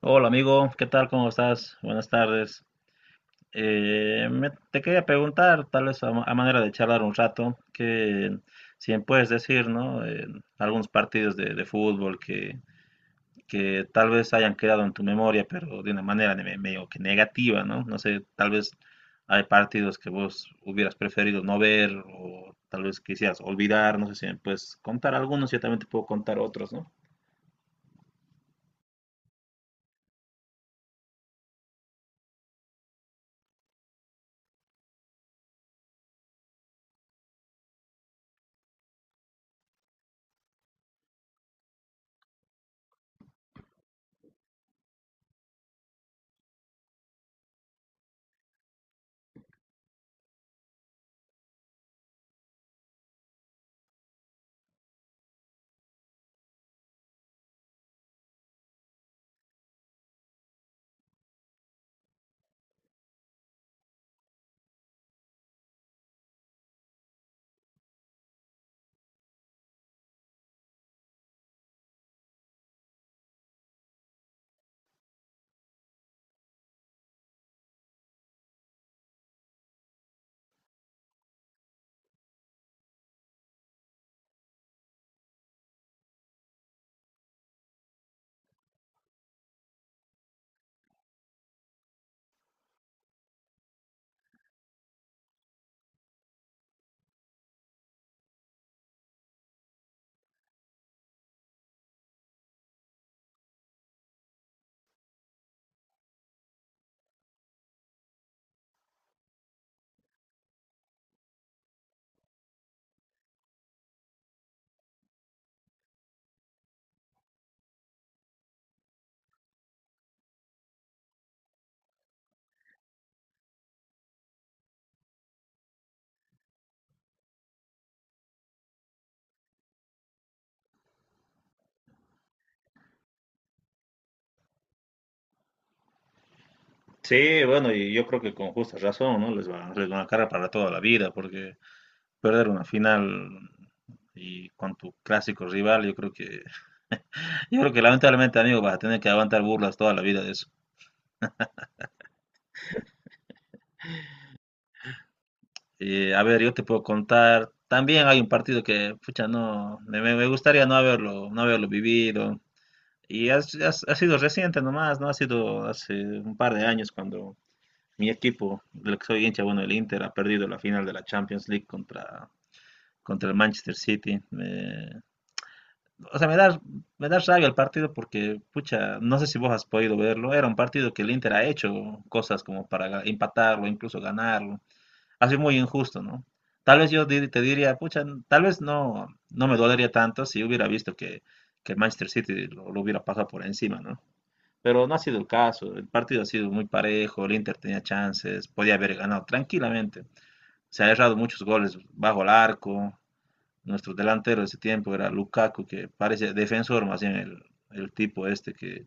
Hola amigo, ¿qué tal? ¿Cómo estás? Buenas tardes. Te quería preguntar, tal vez a manera de charlar un rato, que si me puedes decir, ¿no? Algunos partidos de fútbol que tal vez hayan quedado en tu memoria, pero de una manera medio que negativa, ¿no? No sé, tal vez hay partidos que vos hubieras preferido no ver o tal vez quisieras olvidar, no sé si me puedes contar algunos, yo también te puedo contar otros, ¿no? Sí, bueno, y yo creo que con justa razón, ¿no? Les va, les van a cara para toda la vida, porque perder una final y con tu clásico rival, yo creo que, yo creo que lamentablemente, amigo, vas a tener que aguantar burlas toda la vida de eso. A ver, yo te puedo contar, también hay un partido que, pucha, no, me gustaría no haberlo, no haberlo vivido. Y ha sido reciente nomás, ¿no? Ha sido hace un par de años cuando mi equipo, del que soy hincha, bueno, el Inter, ha perdido la final de la Champions League contra el Manchester City. O sea, me da rabia el partido porque, pucha, no sé si vos has podido verlo. Era un partido que el Inter ha hecho cosas como para empatarlo, incluso ganarlo. Ha sido muy injusto, ¿no? Tal vez yo te diría, pucha, tal vez no me dolería tanto si hubiera visto que el Manchester City lo hubiera pasado por encima, ¿no? Pero no ha sido el caso. El partido ha sido muy parejo, el Inter tenía chances, podía haber ganado tranquilamente. Se ha errado muchos goles bajo el arco, nuestro delantero de ese tiempo era Lukaku, que parece defensor más bien. El tipo este que en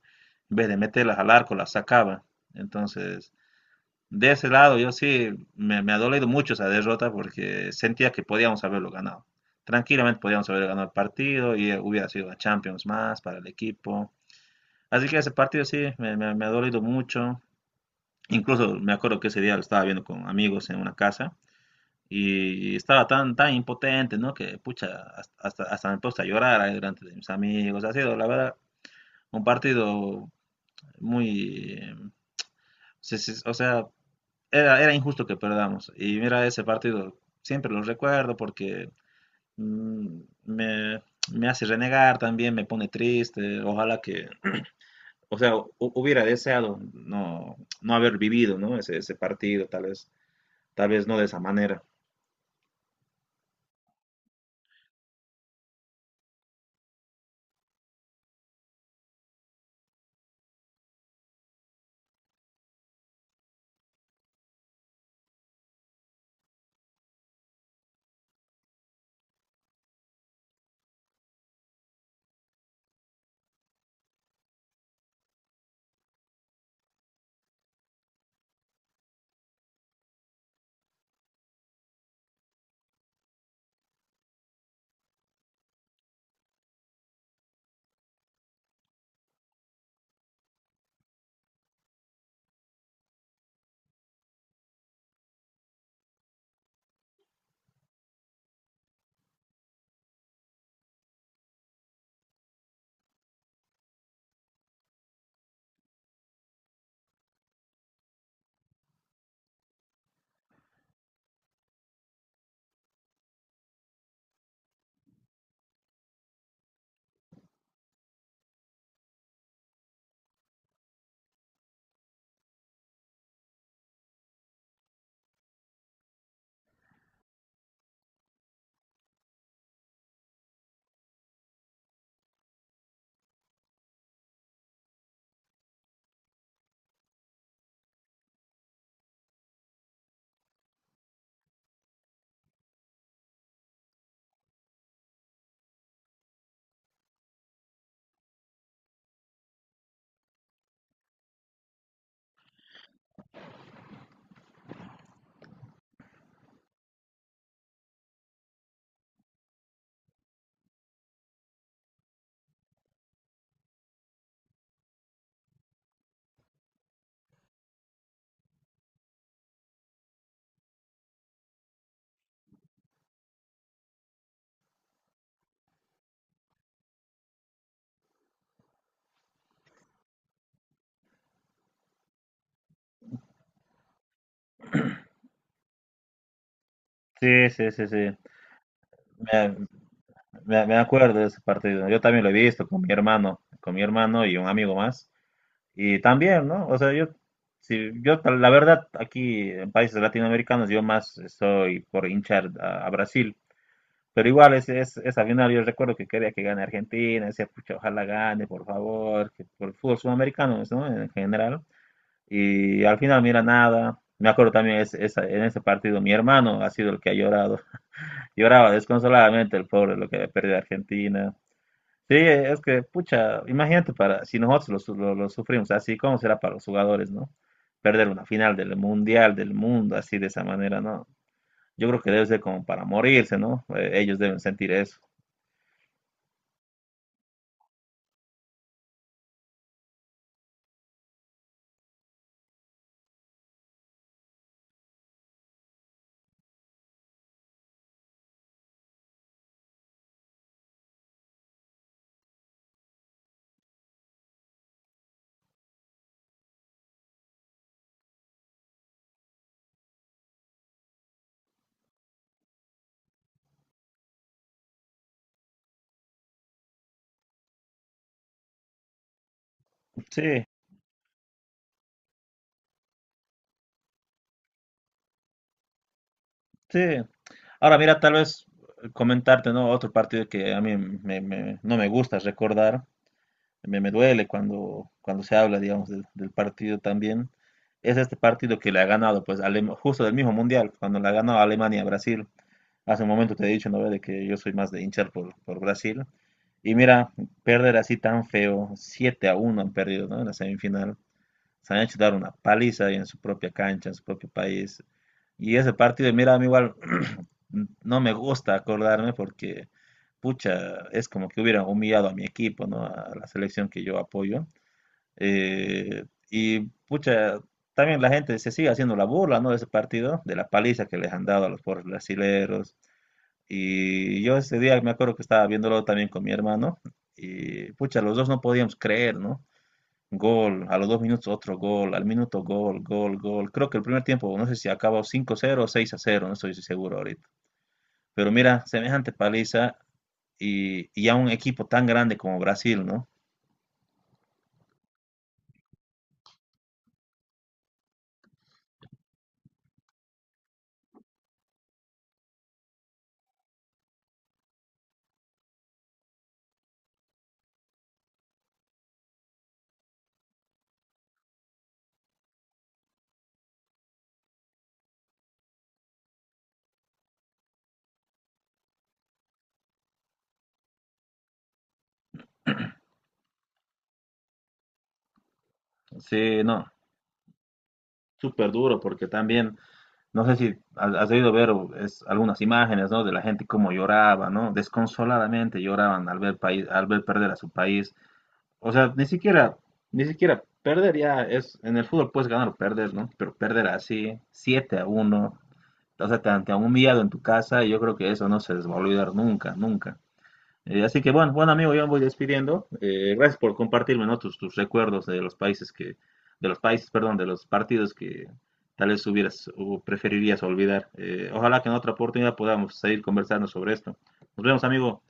vez de meterlas al arco las sacaba. Entonces, de ese lado yo sí me ha dolido mucho esa derrota porque sentía que podíamos haberlo ganado. Tranquilamente podíamos haber ganado el partido y hubiera sido a Champions más para el equipo. Así que ese partido sí me ha dolido mucho. Incluso me acuerdo que ese día lo estaba viendo con amigos en una casa y estaba tan, tan impotente, ¿no? Que, pucha, me puse a llorar ahí delante de mis amigos. Ha sido, la verdad, un partido muy, o sea, era injusto que perdamos. Y mira, ese partido siempre lo recuerdo porque mm, me, me hace renegar también, me pone triste. Ojalá que, o sea, hubiera deseado no haber vivido, ¿no? Ese partido, tal vez no de esa manera. Sí, sí, sí, sí. Me, me acuerdo de ese partido. Yo también lo he visto con mi hermano y un amigo más. Y también, ¿no? O sea, yo, si, yo ta- la verdad, aquí en países latinoamericanos, yo más estoy por hinchar a Brasil. Pero igual, esa final yo recuerdo que quería que gane Argentina, decía, pucha, ojalá gane, por favor, que por el fútbol sudamericano, ¿no? En general. Y al final, mira, nada. Me acuerdo también en ese partido, mi hermano ha sido el que ha llorado. Lloraba desconsoladamente el pobre, lo que había perdido Argentina. Sí, es que, pucha, imagínate para, si nosotros lo sufrimos así, ¿cómo será para los jugadores, no? Perder una final del Mundial, del mundo, así de esa manera, ¿no? Yo creo que debe ser como para morirse, ¿no? Ellos deben sentir eso. Sí, sí. Ahora, mira, tal vez comentarte, ¿no? Otro partido que a mí no me gusta recordar, me duele cuando, cuando se habla, digamos, del partido también, es este partido que le ha ganado, pues, justo del mismo Mundial, cuando le ha ganado a Alemania a Brasil. Hace un momento te he dicho, ¿no? De que yo soy más de hinchar por Brasil. Y mira, perder así tan feo, 7-1 han perdido, ¿no? En la semifinal. Se han hecho dar una paliza ahí en su propia cancha, en su propio país. Y ese partido, mira, a mí igual, no me gusta acordarme porque, pucha, es como que hubieran humillado a mi equipo, ¿no? A la selección que yo apoyo. Y, pucha, también la gente se sigue haciendo la burla, ¿no? De ese partido, de la paliza que les han dado a los pobres brasileros. Y yo ese día me acuerdo que estaba viéndolo también con mi hermano y, pucha, los dos no podíamos creer, ¿no? Gol, a los 2 minutos otro gol, al minuto gol, gol, gol. Creo que el primer tiempo, no sé si acabó 5-0 o 6-0, no estoy seguro ahorita. Pero mira, semejante paliza y a un equipo tan grande como Brasil, ¿no? Sí, no, súper duro porque también, no sé si has debido ver algunas imágenes, ¿no? De la gente cómo lloraba, ¿no? Desconsoladamente lloraban al ver perder a su país. O sea, ni siquiera perdería, en el fútbol puedes ganar o perder, ¿no? Pero perder así, 7-1, o sea, te han humillado en tu casa y yo creo que eso no se les va a olvidar nunca, nunca. Así que bueno, bueno amigo, yo me voy despidiendo. Gracias por compartirme, ¿no? tus recuerdos de los países que, de los países, perdón, de los partidos que tal vez hubieras o preferirías olvidar. Ojalá que en otra oportunidad podamos seguir conversando sobre esto. Nos vemos, amigo.